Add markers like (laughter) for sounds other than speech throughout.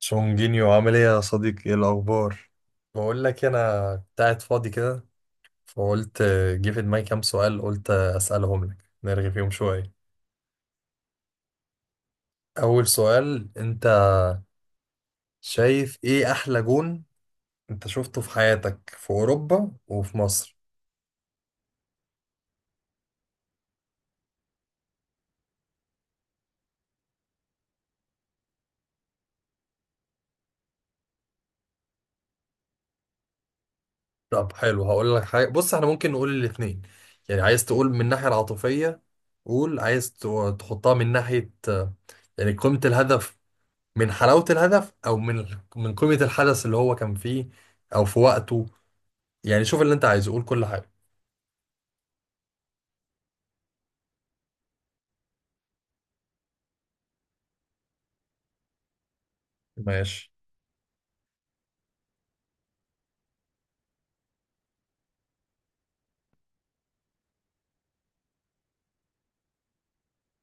شونجينيو، عامل ايه يا صديقي؟ ايه الاخبار؟ بقول لك انا كنت قاعد فاضي كده. فقلت جه في دماغي كام سؤال. قلت اسالهم لك. نرغي فيهم شويه. اول سؤال، انت شايف ايه احلى جون انت شفته في حياتك في اوروبا وفي مصر؟ طب حلو، هقول لك حاجه. بص، احنا ممكن نقول الاثنين. يعني عايز تقول من الناحيه العاطفيه، قول. تحطها من ناحيه يعني قيمه الهدف، من حلاوة الهدف، أو من من قيمة الحدث اللي هو كان فيه أو في وقته. يعني شوف اللي أنت عايزه، قول كل حاجة. ماشي.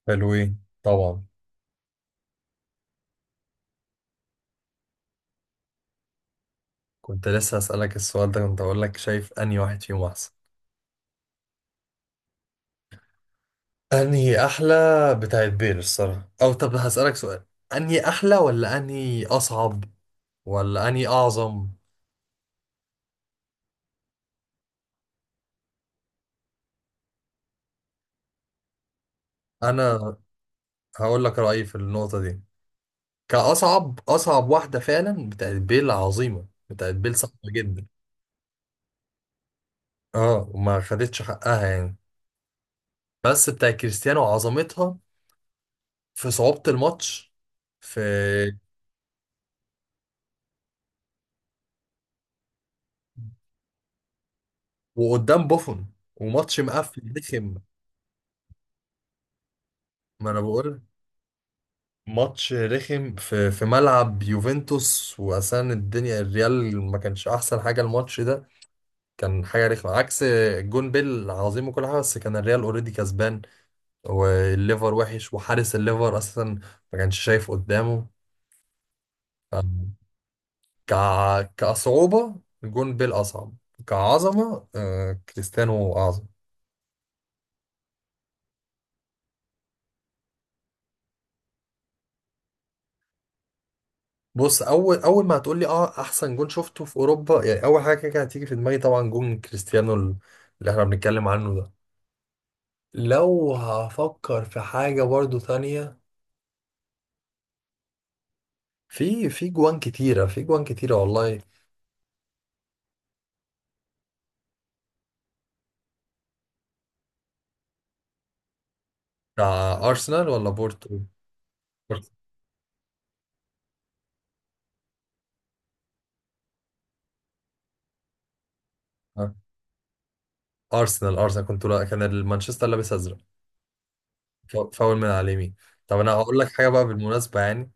حلوين طبعا. كنت لسه هسألك السؤال ده، كنت أقول لك شايف أنهي واحد فيهم أحسن؟ أنهي أحلى؟ بتاعت بير الصراحة. أو طب هسألك سؤال، أنهي أحلى ولا أنهي أصعب ولا أنهي أعظم؟ أنا هقول لك رأيي في النقطة دي. كأصعب، أصعب واحدة فعلا بتاعت بيل. عظيمة بتاعت بيل، صعبة جدا. اه، وما خدتش حقها يعني. بس بتاع كريستيانو عظمتها في صعوبة الماتش، في، وقدام بوفون وماتش مقفل رخم. ما انا بقول، ماتش رخم في في ملعب يوفنتوس، واساسا الدنيا الريال ما كانش احسن حاجة. الماتش ده كان حاجة رخمة عكس. جون بيل عظيم وكل حاجة، بس كان الريال اوريدي كسبان، والليفر وحش، وحارس الليفر اصلا ما كانش شايف قدامه. ك... كصعوبة، الجون بيل أصعب. كعظمة كريستيانو أعظم. بص، أول ما هتقولي أه أحسن جون شفته في أوروبا، يعني أول حاجة كده هتيجي في دماغي طبعا جون كريستيانو اللي إحنا بنتكلم عنه ده. لو هفكر في حاجة برضو تانية، في جوان كتيرة، في جوان كتيرة والله. بتاع أرسنال ولا بورتو؟ بورتو. آه. أرسنال، أرسنال. كنت، لا كان المانشستر لابس أزرق. فاول من على اليمين. طب أنا هقول لك حاجة بقى بالمناسبة يعني.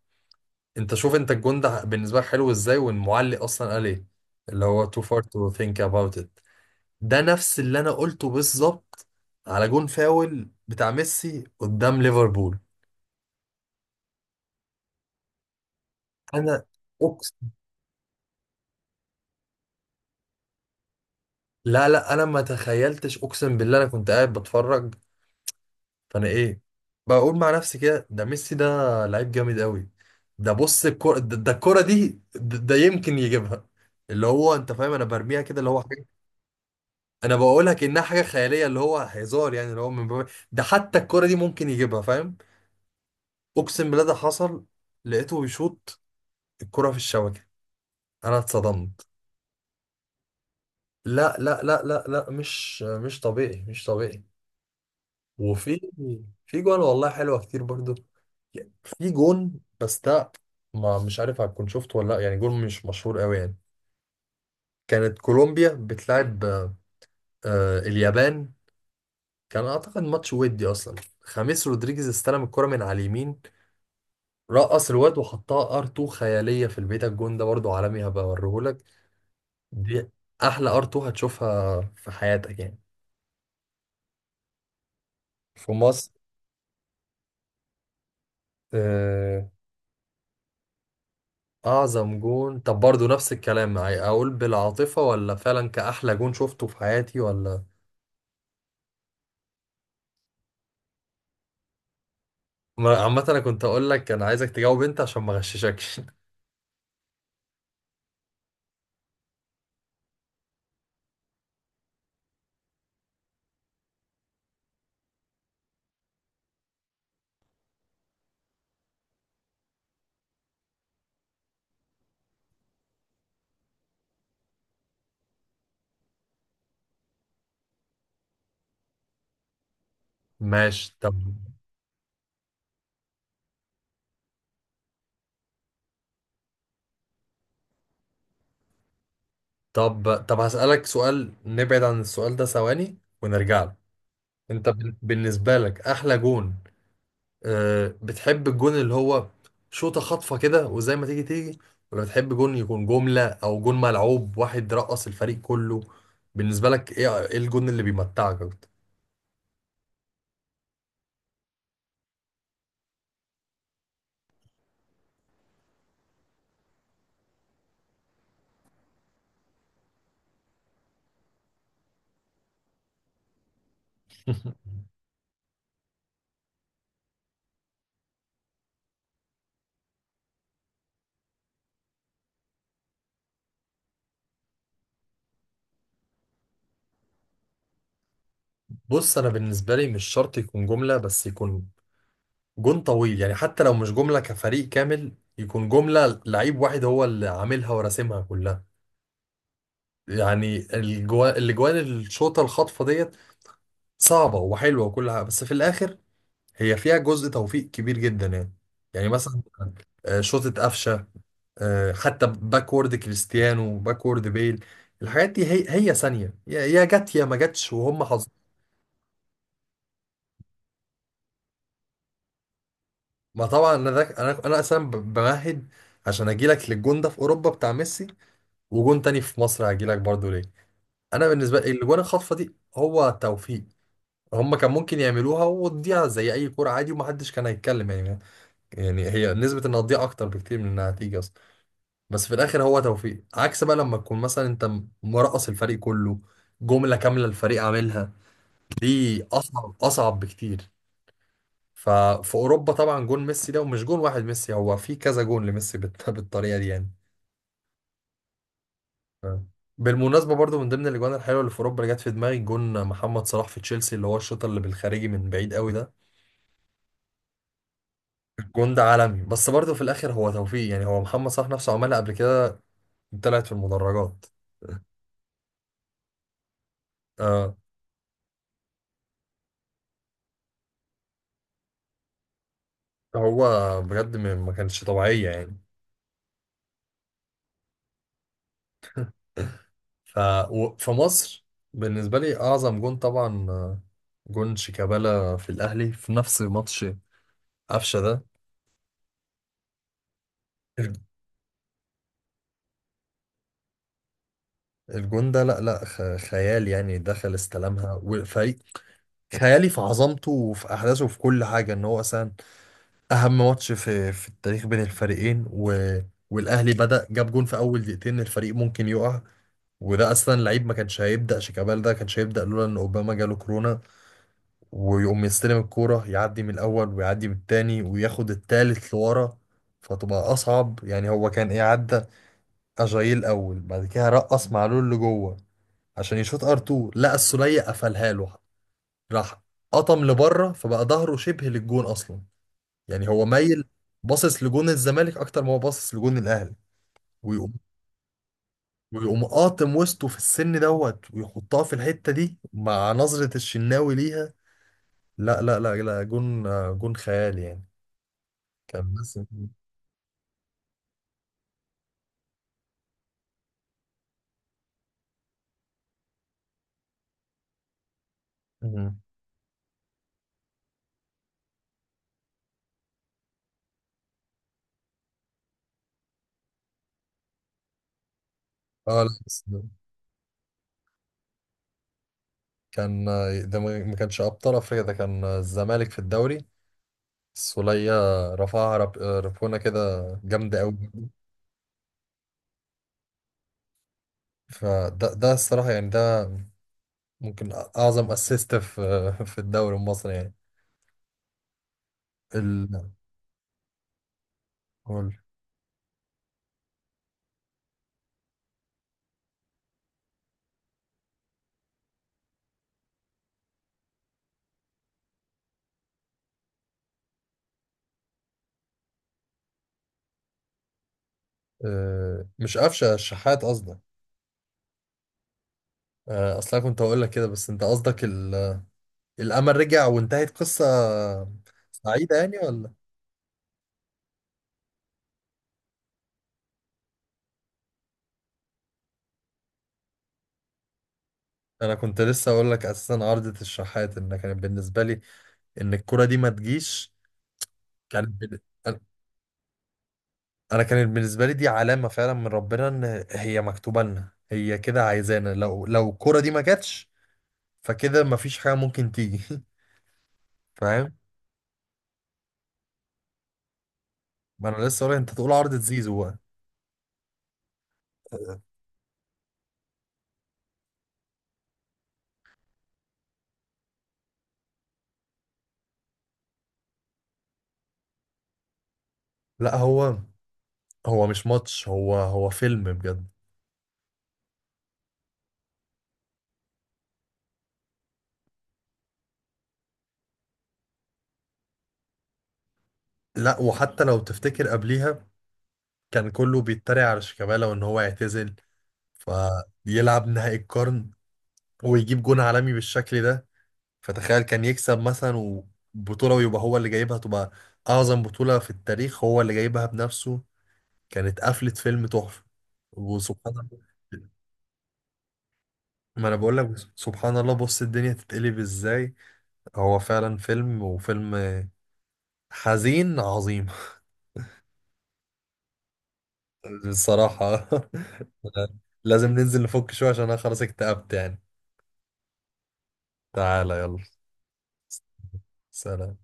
انت شوف انت الجون ده بالنسبه لك حلو ازاي، والمعلق اصلا قال ايه؟ اللي هو too far to think about it. ده نفس اللي انا قلته بالظبط على جون فاول بتاع ميسي قدام ليفربول. انا اقسم، لا لا، انا ما تخيلتش، اقسم بالله. انا كنت قاعد بتفرج، فانا ايه، بقول مع نفسي كده، ده ميسي ده لعيب جامد قوي. ده بص الكرة ده، ده الكرة دي، ده، ده يمكن يجيبها. اللي هو انت فاهم انا برميها كده اللي هو، انا بقولها كانها حاجه خياليه، اللي هو هزار يعني، اللي هو من باب ده حتى الكره دي ممكن يجيبها، فاهم؟ اقسم بالله ده حصل. لقيته بيشوط الكره في الشبكه. انا اتصدمت. لا لا لا لا لا، مش مش طبيعي، مش طبيعي. وفي، في جون والله حلوه كتير برضو. في جون بس ده، ما مش عارف هتكون شفته ولا لا، يعني جون مش مشهور قوي يعني. كانت كولومبيا بتلعب اليابان. كان اعتقد ماتش ودي اصلا. خميس رودريجيز استلم الكرة من على اليمين، رقص الواد وحطها ار 2 خياليه في البيت. الجون ده برضو عالمي، هبقى اوريهولك. دي احلى ار 2 هتشوفها في حياتك يعني. في مصر، آه، اعظم جون، طب برضو نفس الكلام يعني، اقول بالعاطفه ولا فعلا كاحلى جون شفته في حياتي ولا؟ عامه انا كنت اقول لك انا عايزك تجاوب انت عشان ما اغششكش. (laughs) ماشي. طب طب هسالك سؤال، نبعد عن السؤال ده ثواني ونرجع له. انت بالنسبه لك احلى جون، بتحب الجون اللي هو شوطة خاطفة كده وزي ما تيجي تيجي، ولا بتحب جون يكون جملة، أو جون ملعوب واحد رقص الفريق كله؟ بالنسبة لك إيه، إيه الجون اللي بيمتعك أكتر؟ (laughs) بص، أنا بالنسبة لي مش شرط يكون جملة، بس يكون جون طويل يعني. حتى لو مش جملة كفريق كامل، يكون جملة لعيب واحد هو اللي عاملها وراسمها كلها. يعني الجوان الشوطة الخاطفة ديت، صعبة وحلوة وكل حاجة، بس في الآخر هي فيها جزء توفيق كبير جدا يعني. يعني مثلا شوطة قفشة، حتى باكورد كريستيانو، باكورد بيل، الحاجات دي هي هي ثانية، يا يا جت يا ما جتش، وهم حظ. ما طبعا انا ده انا انا بمهد عشان اجي لك للجون ده في اوروبا بتاع ميسي، وجون تاني في مصر هجي لك برضه ليه. انا بالنسبة لي الجون الخطفة دي هو توفيق. هم كان ممكن يعملوها وتضيع زي اي كرة عادي ومحدش كان هيتكلم يعني. يعني هي نسبة انها تضيع اكتر بكتير من النتيجة. بس في الاخر هو توفيق، عكس بقى لما تكون مثلا انت مرقص الفريق كله، جملة كاملة الفريق عاملها. دي اصعب، اصعب بكتير. ففي اوروبا طبعا جون ميسي ده، ومش جون واحد، ميسي هو في كذا جون لميسي (laughs) بالطريقة دي يعني. ف- بالمناسبة برضو من ضمن الاجوان الحلوة اللي في اوروبا اللي جت في دماغي، جون محمد صلاح في تشيلسي، اللي هو الشوط اللي بالخارجي من بعيد قوي ده. الجون ده عالمي، بس برضو في الاخر هو توفيق يعني، هو محمد صلاح نفسه عملها قبل كده طلعت في المدرجات. آه، هو بجد ما، ما كانتش طبيعية يعني. ففي مصر بالنسبة لي أعظم جون طبعا، جون شيكابالا في الأهلي في نفس ماتش قفشة ده. الجون ده لا لا، خيال يعني. دخل استلمها وفريق خيالي في عظمته وفي أحداثه وفي كل حاجة. إن هو أصلا أهم ماتش في في التاريخ بين الفريقين، و... والأهلي بدأ جاب جون في أول دقيقتين، الفريق ممكن يقع. وده أصلا لعيب ما كانش هيبدأ، شيكابالا ده كانش هيبدأ لولا إن أوباما جاله كورونا. ويقوم يستلم الكورة، يعدي من الأول ويعدي من التاني وياخد التالت لورا، فتبقى أصعب. يعني هو كان إيه، عدى أجايل الأول، بعد كده رقص معلول لجوه عشان يشوط ار2، لقى السولية قفلها له، راح قطم لبره فبقى ظهره شبه للجون أصلا، يعني هو مايل باصص لجون الزمالك أكتر ما هو باصص لجون الأهلي. ويقوم ويقوم قاطم وسطه في السن دوت ويحطها في الحتة دي مع نظرة الشناوي ليها. لا لا لا لا، جون، جون خيالي يعني. كان لسه. مم. اه لا بس. كان ده ما، ما كانش ابطال افريقيا، ده كان الزمالك في الدوري. السولية رفعها رب... آه، ربونة كده جامدة قوي. فده، ده الصراحة يعني، ده ممكن اعظم اسيست في في الدوري المصري يعني. ال... قول. مش قفشة، الشحات قصدك. اصلا كنت هقول لك كده، بس انت قصدك الامل رجع وانتهت قصة سعيدة يعني ولا؟ انا كنت لسه اقول لك اساسا عارضة الشحات ان كانت بالنسبة لي ان الكرة دي ما تجيش. كانت انا، أنا كانت بالنسبة لي دي علامة فعلا من ربنا ان هي مكتوبة لنا، هي كده عايزانا. لو لو الكرة دي ما جاتش، فكده ما فيش حاجة ممكن تيجي. (laughs) فاهم. ما انا لسه اقول لك، انت تقول عارضة زيزو بقى. لا هو، هو مش ماتش، هو هو فيلم بجد. لا وحتى لو تفتكر قبليها كان كله بيتريق على شيكابالا وان هو يعتزل، فيلعب نهائي القرن ويجيب جون عالمي بالشكل ده. فتخيل كان يكسب مثلا وبطولة، ويبقى هو اللي جايبها، تبقى أعظم بطولة في التاريخ هو اللي جايبها بنفسه. كانت قفلة فيلم تحفة، وسبحان الله. ما أنا بقول لك، سبحان الله، بص الدنيا تتقلب إزاي. هو فعلا فيلم، وفيلم حزين عظيم. (laughs) الصراحة. (laughs) لازم ننزل نفك شوية عشان أنا خلاص اكتئبت يعني. تعالى يلا. سلام.